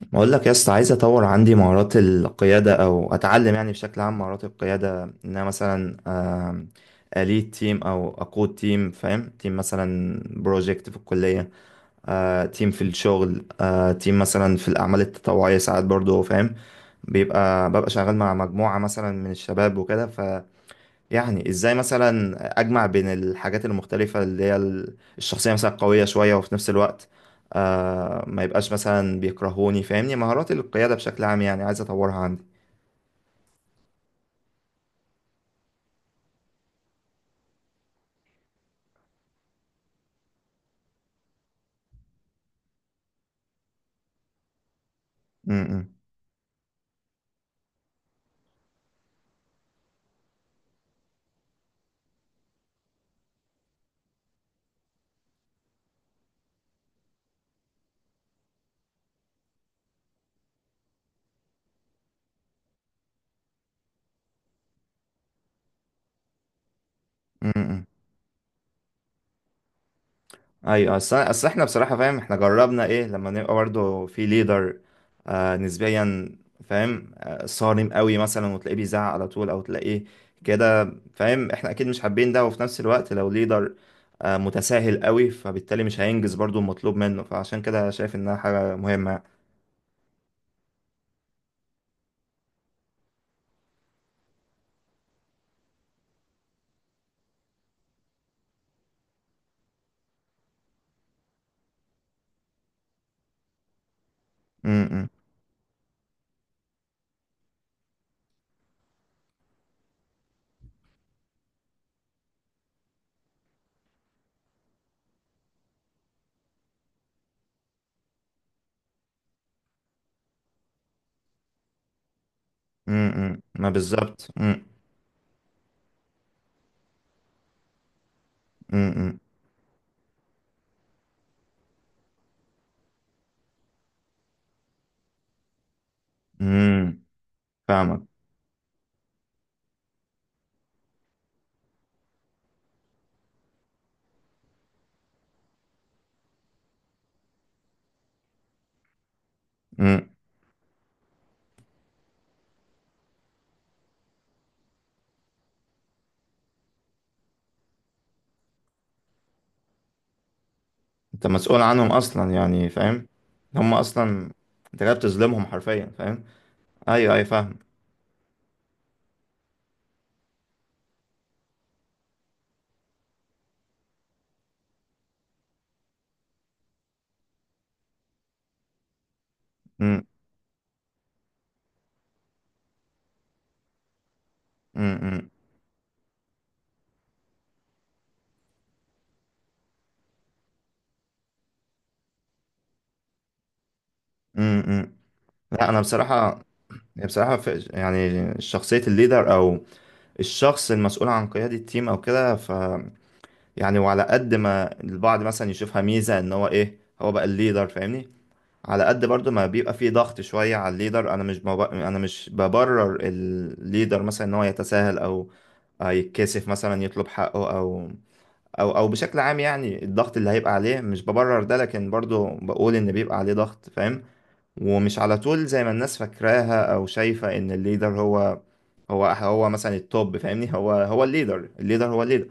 بقول لك يا اسطى، عايز اطور عندي مهارات القياده او اتعلم يعني بشكل عام مهارات القياده. ان انا مثلا اليد تيم او اقود تيم، فاهم؟ تيم مثلا بروجكت في الكليه، تيم في الشغل، تيم مثلا في الاعمال التطوعيه ساعات برضو. فاهم؟ ببقى شغال مع مجموعه مثلا من الشباب وكده. يعني ازاي مثلا اجمع بين الحاجات المختلفة اللي هي الشخصية مثلا قوية شوية، وفي نفس الوقت آه ما يبقاش مثلا بيكرهوني. فاهمني؟ مهارات القيادة بشكل عام يعني، عايز اطورها عندي. م- م- م- م. ايوه، اصل احنا بصراحه فاهم، احنا جربنا ايه لما نبقى برضه في ليدر آه نسبيا، فاهم؟ آه صارم قوي مثلا وتلاقيه بيزعق على طول، او تلاقيه كده فاهم. احنا اكيد مش حابين ده، وفي نفس الوقت لو ليدر آه متساهل قوي فبالتالي مش هينجز برضه المطلوب منه، فعشان كده شايف انها حاجه مهمه. امم. امم، ما بالظبط. امم. امم. فاهمك. امم. انت مسؤول عنهم اصلا يعني، فاهم؟ هم اصلا انت جاي بتظلمهم حرفيا، فاهم؟ ايوه ايوه فاهم. امم. امم. امم. إمم، إمم. لا انا بصراحه، بصراحه في يعني شخصيه الليدر او الشخص المسؤول عن قياده التيم او كده، ف يعني وعلى قد ما البعض مثلا يشوفها ميزه ان هو ايه، هو بقى الليدر، فاهمني؟ على قد برضو ما بيبقى فيه ضغط شويه على الليدر. انا مش بب... انا مش ببرر الليدر مثلا ان هو يتساهل او يتكسف مثلا يطلب حقه، او بشكل عام يعني الضغط اللي هيبقى عليه مش ببرر ده، لكن برضو بقول ان بيبقى عليه ضغط، فاهم؟ ومش على طول زي ما الناس فاكراها او شايفة ان الليدر هو مثلا التوب. فاهمني؟ هو هو الليدر، الليدر هو الليدر.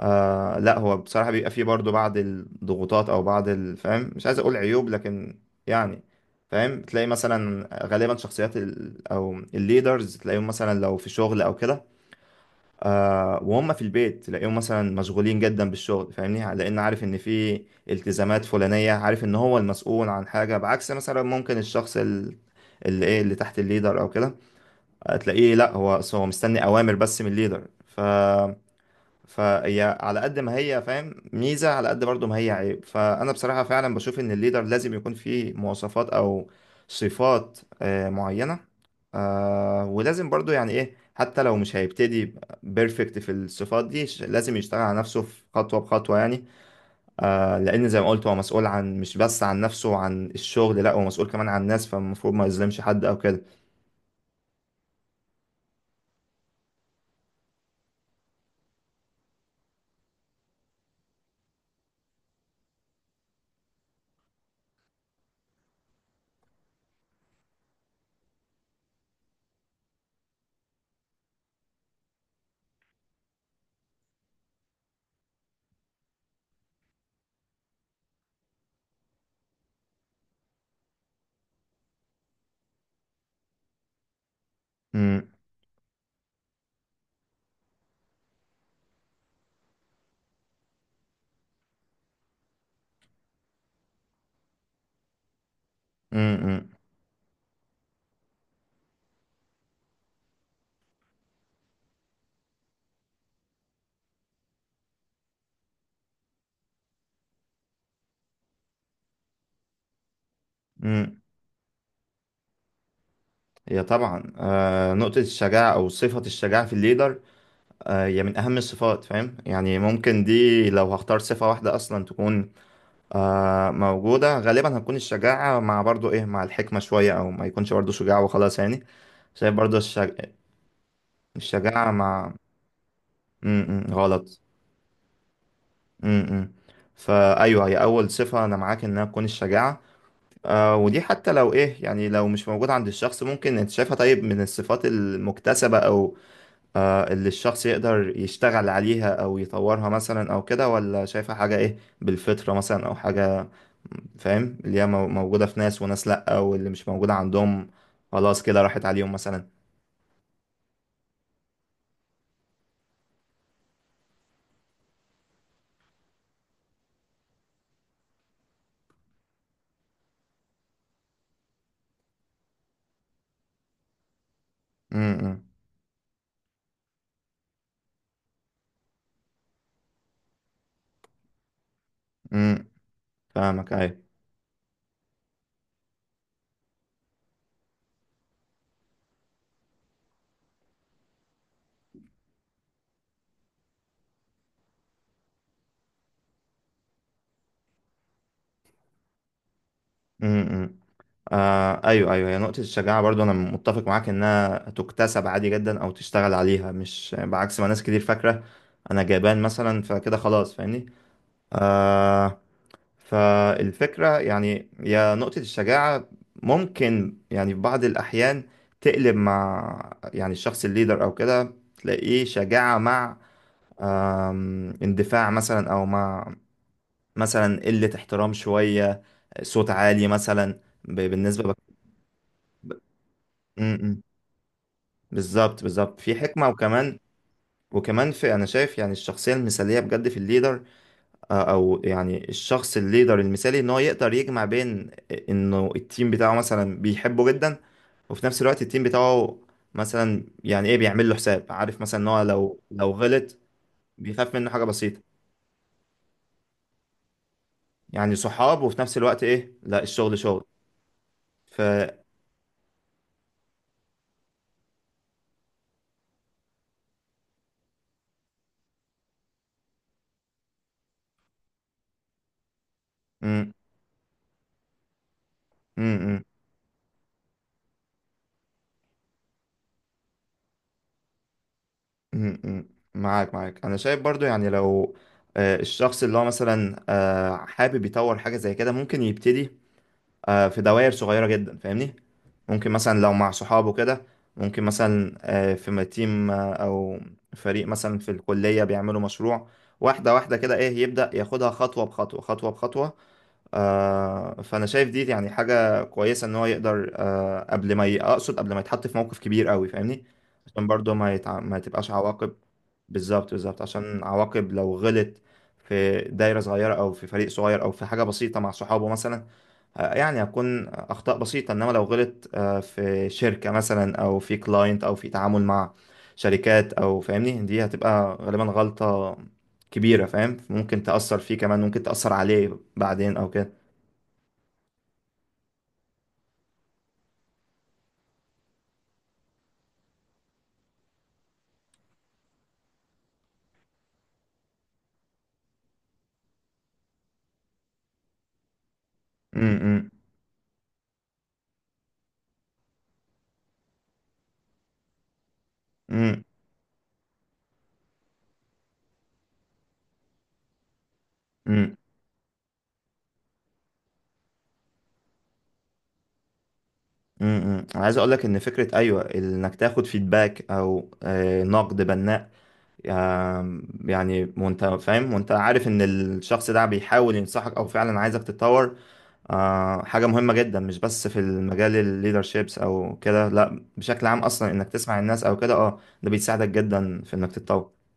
آه لا، هو بصراحة بيبقى فيه برضو بعض الضغوطات او بعض فاهم مش عايز اقول عيوب، لكن يعني فاهم تلاقي مثلا غالبا شخصيات ال او الليدرز تلاقيهم مثلا لو في شغل او كده آه، وهم في البيت تلاقيهم مثلا مشغولين جدا بالشغل، فاهمني؟ لان عارف ان في التزامات فلانيه، عارف ان هو المسؤول عن حاجه، بعكس مثلا ممكن الشخص اللي ايه، اللي تحت الليدر او كده تلاقيه لا، هو هو مستني اوامر بس من الليدر. ف فهي على قد ما هي فاهم ميزة، على قد برضو ما هي عيب. فأنا بصراحة فعلا بشوف إن الليدر لازم يكون فيه مواصفات أو صفات معينة، ولازم برضو يعني إيه، حتى لو مش هيبتدي بيرفكت في الصفات دي لازم يشتغل على نفسه، في خطوة بخطوة يعني. لأن زي ما قلت هو مسؤول عن مش بس عن نفسه وعن الشغل، لأ هو مسؤول كمان عن الناس، فالمفروض ما يظلمش حد أو كده. مم، مم، مم، مم. هي طبعا نقطة الشجاعة أو صفة الشجاعة في الليدر هي من أهم الصفات، فاهم؟ يعني ممكن دي لو هختار صفة واحدة أصلا تكون موجودة، غالبا هتكون الشجاعة مع برضو إيه، مع الحكمة شوية، أو ما يكونش برضو شجاع وخلاص يعني. شايف برضو الشجاعة مع م -م غلط. م -م. فأيوه هي أول صفة، أنا معاك إنها تكون الشجاعة. آه ودي حتى لو إيه، يعني لو مش موجودة عند الشخص، ممكن أنت شايفها طيب من الصفات المكتسبة أو اللي الشخص يقدر يشتغل عليها او يطورها مثلا او كده، ولا شايفها حاجة ايه، بالفطرة مثلا او حاجة فاهم، اللي هي موجودة في ناس وناس، لأ واللي مش موجودة عندهم خلاص كده راحت عليهم مثلا. امم امم، فاهمك، ايوه. امم. آه ايوه ايوه، هي نقطة الشجاعة برضو انا متفق معاك انها تكتسب عادي جدا او تشتغل عليها، مش بعكس ما ناس كتير فاكرة انا جبان مثلا فكده خلاص، فاهمني؟ آه. فالفكرة يعني يا نقطة الشجاعة ممكن يعني في بعض الأحيان تقلب مع يعني الشخص الليدر أو كده، تلاقيه شجاعة مع اندفاع مثلا، أو مع مثلا قلة احترام شوية، صوت عالي مثلا، بالنسبة بك... ب- م- م. بالظبط بالظبط، في حكمة. وكمان، وكمان في أنا شايف يعني الشخصية المثالية بجد في الليدر او يعني الشخص الليدر المثالي، ان هو يقدر يجمع بين انه التيم بتاعه مثلا بيحبه جدا، وفي نفس الوقت التيم بتاعه مثلا يعني ايه بيعمل له حساب، عارف مثلا ان هو لو غلط بيخاف منه حاجة بسيطة، يعني صحاب وفي نفس الوقت ايه لا، الشغل شغل. ف م- م- م- م- م- معاك، معاك انا شايف برضو، يعني لو الشخص اللي هو مثلا حابب يطور حاجة زي كده، ممكن يبتدي في دوائر صغيرة جدا، فاهمني؟ ممكن مثلا لو مع صحابه كده، ممكن مثلا في تيم أو فريق مثلا في الكلية بيعملوا مشروع، واحدة واحدة كده إيه، يبدأ ياخدها خطوة بخطوة، خطوة بخطوة. فانا شايف دي يعني حاجه كويسه، ان هو يقدر قبل ما اقصد قبل ما يتحط في موقف كبير قوي، فاهمني؟ عشان برضه ما ما تبقاش عواقب. بالظبط بالظبط، عشان عواقب لو غلط في دايره صغيره او في فريق صغير او في حاجه بسيطه مع صحابه مثلا يعني هتكون اخطاء بسيطه، انما لو غلط في شركه مثلا او في كلاينت او في تعامل مع شركات او فاهمني، دي هتبقى غالبا غلطه كبيره، فاهم؟ ممكن تاثر فيه، كمان ممكن تاثر عليه بعدين او كده. امم. امم. امم. امم، انا عايز اقول لك ان فكره ايوه انك تاخد فيدباك او نقد بناء، يعني وانت فاهم وانت عارف ان الشخص ده بيحاول ينصحك او فعلا عايزك تتطور، حاجه مهمه جدا مش بس في المجال الليدرشيبس او كده، لا بشكل عام اصلا انك تسمع الناس او كده. اه ده بيساعدك جدا في انك تتطور.